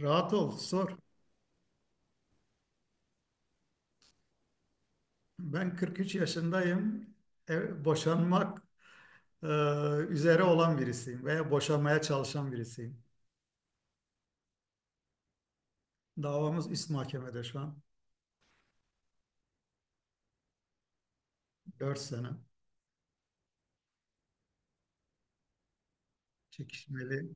Rahat ol, sor. Ben 43 yaşındayım. Boşanmak e, üzere olan birisiyim veya boşanmaya çalışan birisiyim. Davamız üst mahkemede şu an. Dört sene çekişmeli.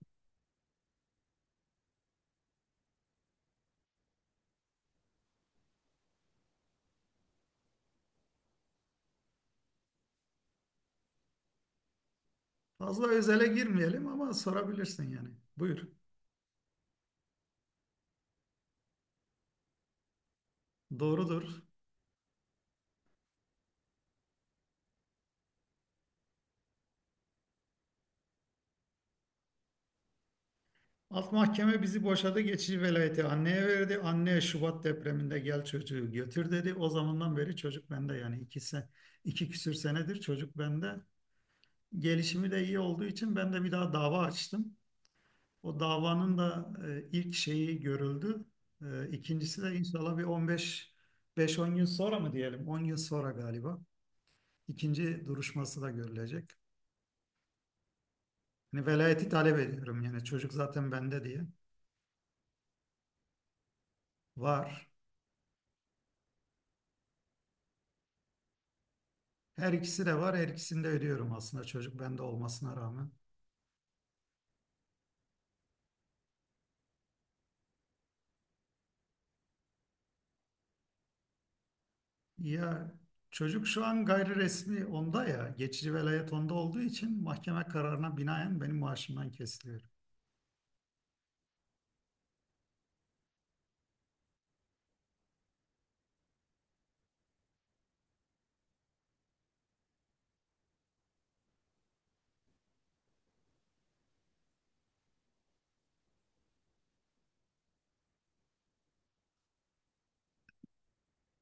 Fazla özele girmeyelim ama sorabilirsin yani. Buyur. Doğrudur. Alt mahkeme bizi boşadı, geçici velayeti anneye verdi. Anne Şubat depreminde gel çocuğu götür dedi. O zamandan beri çocuk bende, yani iki küsür senedir çocuk bende. Gelişimi de iyi olduğu için ben de bir daha dava açtım. O davanın da ilk şeyi görüldü. E, İkincisi de inşallah bir 15 5-10 yıl sonra mı diyelim? 10 yıl sonra galiba. İkinci duruşması da görülecek. Hani velayeti talep ediyorum yani çocuk zaten bende diye. Var. Her ikisi de var. Her ikisini de ödüyorum aslında çocuk bende olmasına rağmen. Ya çocuk şu an gayri resmi onda ya. Geçici velayet onda olduğu için mahkeme kararına binaen benim maaşımdan kesiliyor.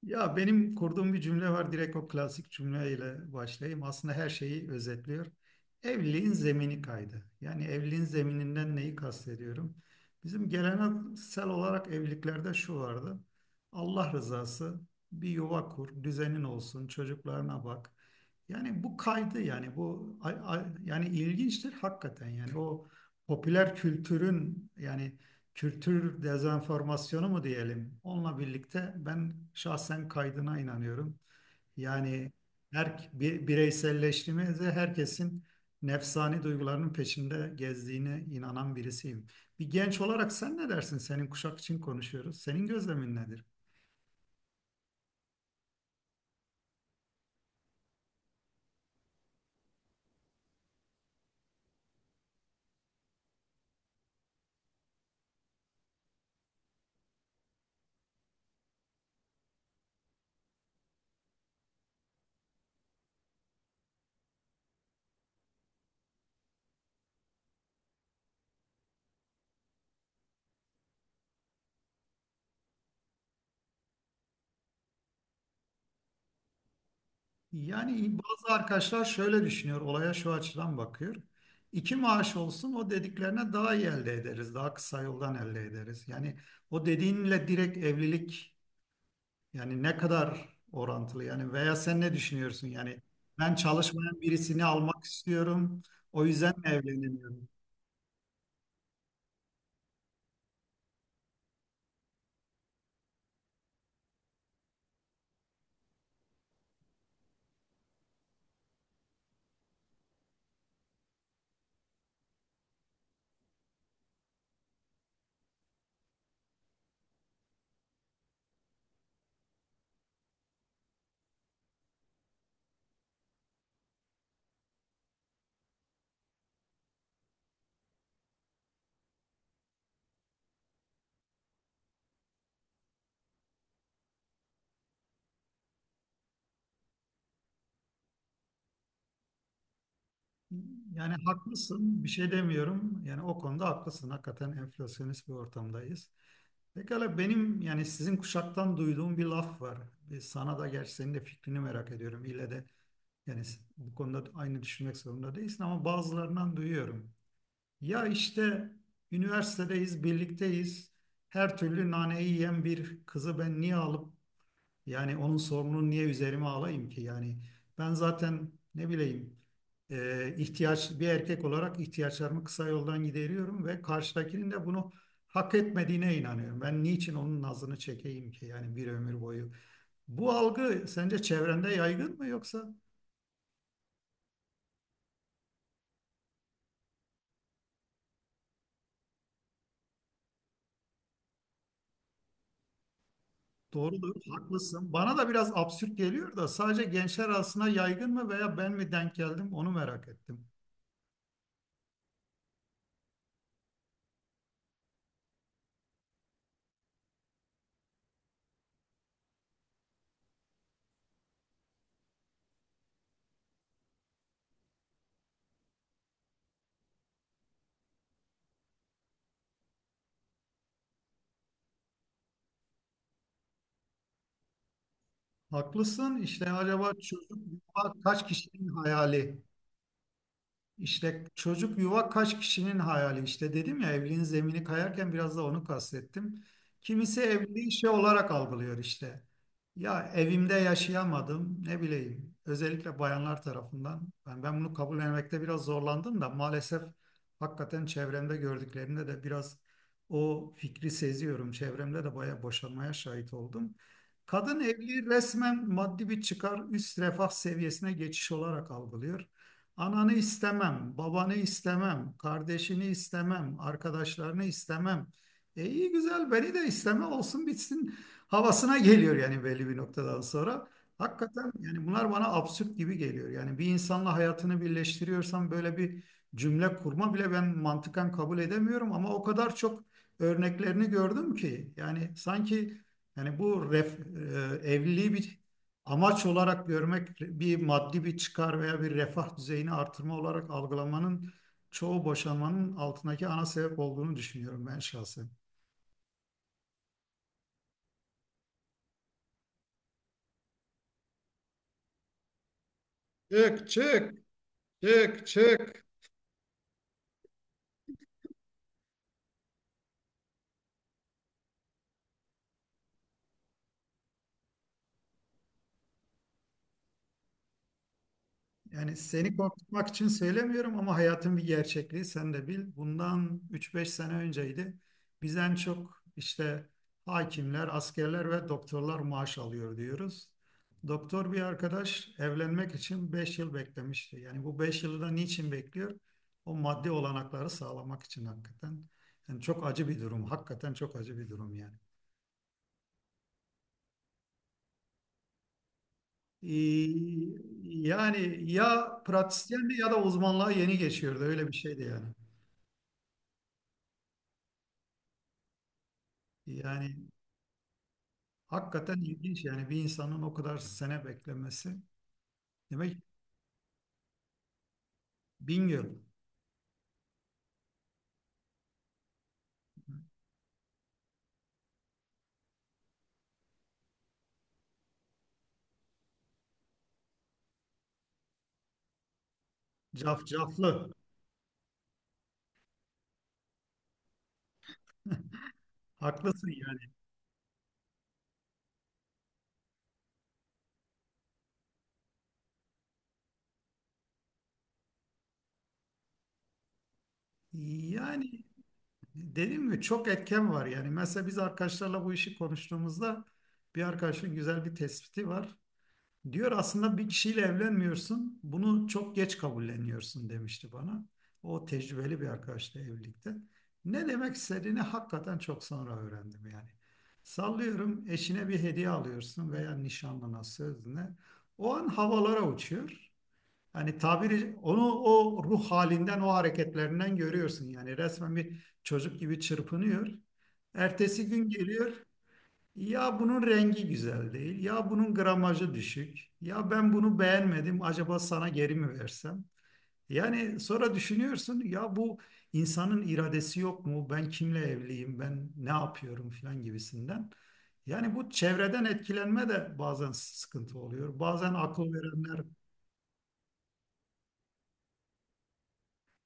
Ya benim kurduğum bir cümle var. Direkt o klasik cümleyle başlayayım. Aslında her şeyi özetliyor. Evliliğin zemini kaydı. Yani evliliğin zemininden neyi kastediyorum? Bizim geleneksel olarak evliliklerde şu vardı. Allah rızası, bir yuva kur, düzenin olsun, çocuklarına bak. Yani bu kaydı, yani bu yani ilginçtir hakikaten. Yani o popüler kültürün, yani kültür dezenformasyonu mu diyelim? Onunla birlikte ben şahsen kaydına inanıyorum. Yani her bireyselleştiğimizde herkesin nefsani duygularının peşinde gezdiğine inanan birisiyim. Bir genç olarak sen ne dersin? Senin kuşak için konuşuyoruz. Senin gözlemin nedir? Yani bazı arkadaşlar şöyle düşünüyor, olaya şu açıdan bakıyor. İki maaş olsun o dediklerine, daha iyi elde ederiz, daha kısa yoldan elde ederiz. Yani o dediğinle direkt evlilik. Yani ne kadar orantılı yani, veya sen ne düşünüyorsun yani, ben çalışmayan birisini almak istiyorum, o yüzden mi evlenemiyorum? Yani haklısın, bir şey demiyorum yani, o konuda haklısın hakikaten, enflasyonist bir ortamdayız. Pekala benim yani sizin kuşaktan duyduğum bir laf var. Bir sana da, gerçi senin de fikrini merak ediyorum. İlle de yani bu konuda aynı düşünmek zorunda değilsin, ama bazılarından duyuyorum. Ya işte üniversitedeyiz, birlikteyiz. Her türlü naneyi yiyen bir kızı ben niye alıp, yani onun sorununu niye üzerime alayım ki? Yani ben zaten ne bileyim, ihtiyaç, bir erkek olarak ihtiyaçlarımı kısa yoldan gideriyorum ve karşıdakinin de bunu hak etmediğine inanıyorum. Ben niçin onun nazını çekeyim ki yani bir ömür boyu? Bu algı sence çevrende yaygın mı yoksa? Doğrudur, haklısın. Bana da biraz absürt geliyor da, sadece gençler arasında yaygın mı veya ben mi denk geldim onu merak ettim. Haklısın. İşte acaba çocuk kaç kişinin hayali? İşte çocuk, yuva kaç kişinin hayali, işte dedim ya evliliğin zemini kayarken biraz da onu kastettim. Kimisi evliliği şey olarak algılıyor işte. Ya evimde yaşayamadım ne bileyim, özellikle bayanlar tarafından. Ben bunu kabullenmekte biraz zorlandım da maalesef, hakikaten çevremde gördüklerimde de biraz o fikri seziyorum. Çevremde de bayağı boşanmaya şahit oldum. Kadın evliliği resmen maddi bir çıkar, üst refah seviyesine geçiş olarak algılıyor. Ananı istemem, babanı istemem, kardeşini istemem, arkadaşlarını istemem. E iyi güzel, beni de isteme olsun bitsin havasına geliyor yani belli bir noktadan sonra. Hakikaten yani bunlar bana absürt gibi geliyor. Yani bir insanla hayatını birleştiriyorsam böyle bir cümle kurma bile ben mantıken kabul edemiyorum, ama o kadar çok örneklerini gördüm ki, yani sanki yani evliliği bir amaç olarak görmek, bir maddi bir çıkar veya bir refah düzeyini artırma olarak algılamanın çoğu boşanmanın altındaki ana sebep olduğunu düşünüyorum ben şahsen. Çık çık, çık çık. Yani seni korkutmak için söylemiyorum ama hayatın bir gerçekliği, sen de bil. Bundan üç beş sene önceydi. Biz en çok işte hakimler, askerler ve doktorlar maaş alıyor diyoruz. Doktor bir arkadaş evlenmek için 5 yıl beklemişti. Yani bu 5 yılı da niçin bekliyor? O maddi olanakları sağlamak için hakikaten. Yani çok acı bir durum. Hakikaten çok acı bir durum yani. Ee, Yani ya pratisyendi ya da uzmanlığa yeni geçiyordu. Öyle bir şeydi yani. Yani hakikaten ilginç yani, bir insanın o kadar sene beklemesi. Demek bin yıl. Cafcaflı. Haklısın yani. Yani dediğim gibi çok etken var yani. Mesela biz arkadaşlarla bu işi konuştuğumuzda bir arkadaşın güzel bir tespiti var. Diyor aslında bir kişiyle evlenmiyorsun, bunu çok geç kabulleniyorsun demişti bana. O tecrübeli bir arkadaşla evlilikte. Ne demek istediğini hakikaten çok sonra öğrendim yani. Sallıyorum, eşine bir hediye alıyorsun veya nişanlına, sözüne. O an havalara uçuyor. Hani tabiri, onu o ruh halinden o hareketlerinden görüyorsun, yani resmen bir çocuk gibi çırpınıyor. Ertesi gün geliyor, ya bunun rengi güzel değil, ya bunun gramajı düşük, ya ben bunu beğenmedim, acaba sana geri mi versem? Yani sonra düşünüyorsun, ya bu insanın iradesi yok mu? Ben kimle evliyim, ben ne yapıyorum filan gibisinden. Yani bu çevreden etkilenme de bazen sıkıntı oluyor. Bazen akıl verenler,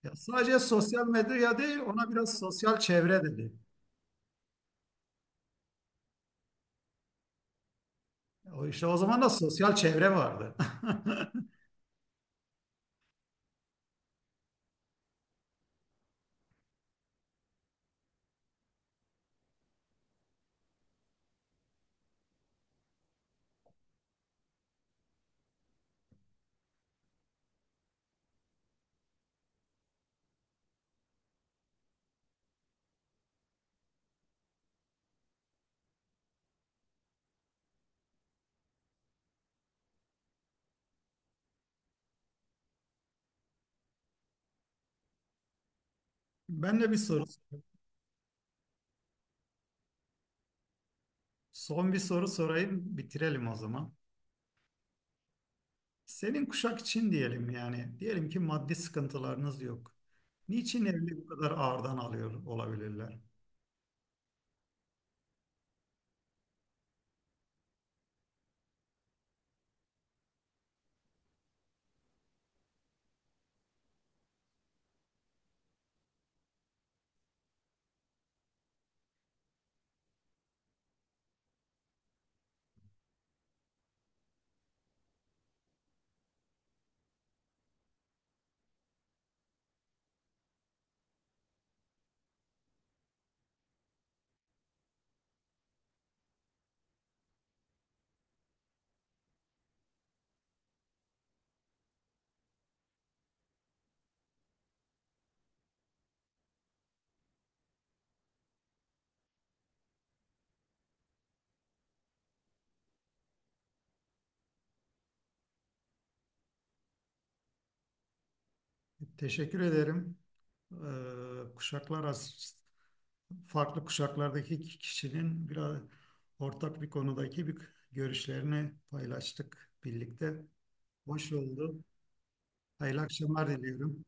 ya sadece sosyal medya değil, ona biraz sosyal çevre dedi. O işte o zaman da sosyal çevre vardı. Ben de bir soru. Son bir soru sorayım, bitirelim o zaman. Senin kuşak için diyelim yani. Diyelim ki maddi sıkıntılarınız yok. Niçin evli bu kadar ağırdan alıyor olabilirler? Teşekkür ederim. Kuşaklar farklı kuşaklardaki iki kişinin biraz ortak bir konudaki bir görüşlerini paylaştık birlikte. Hoş oldu. Hayırlı akşamlar diliyorum.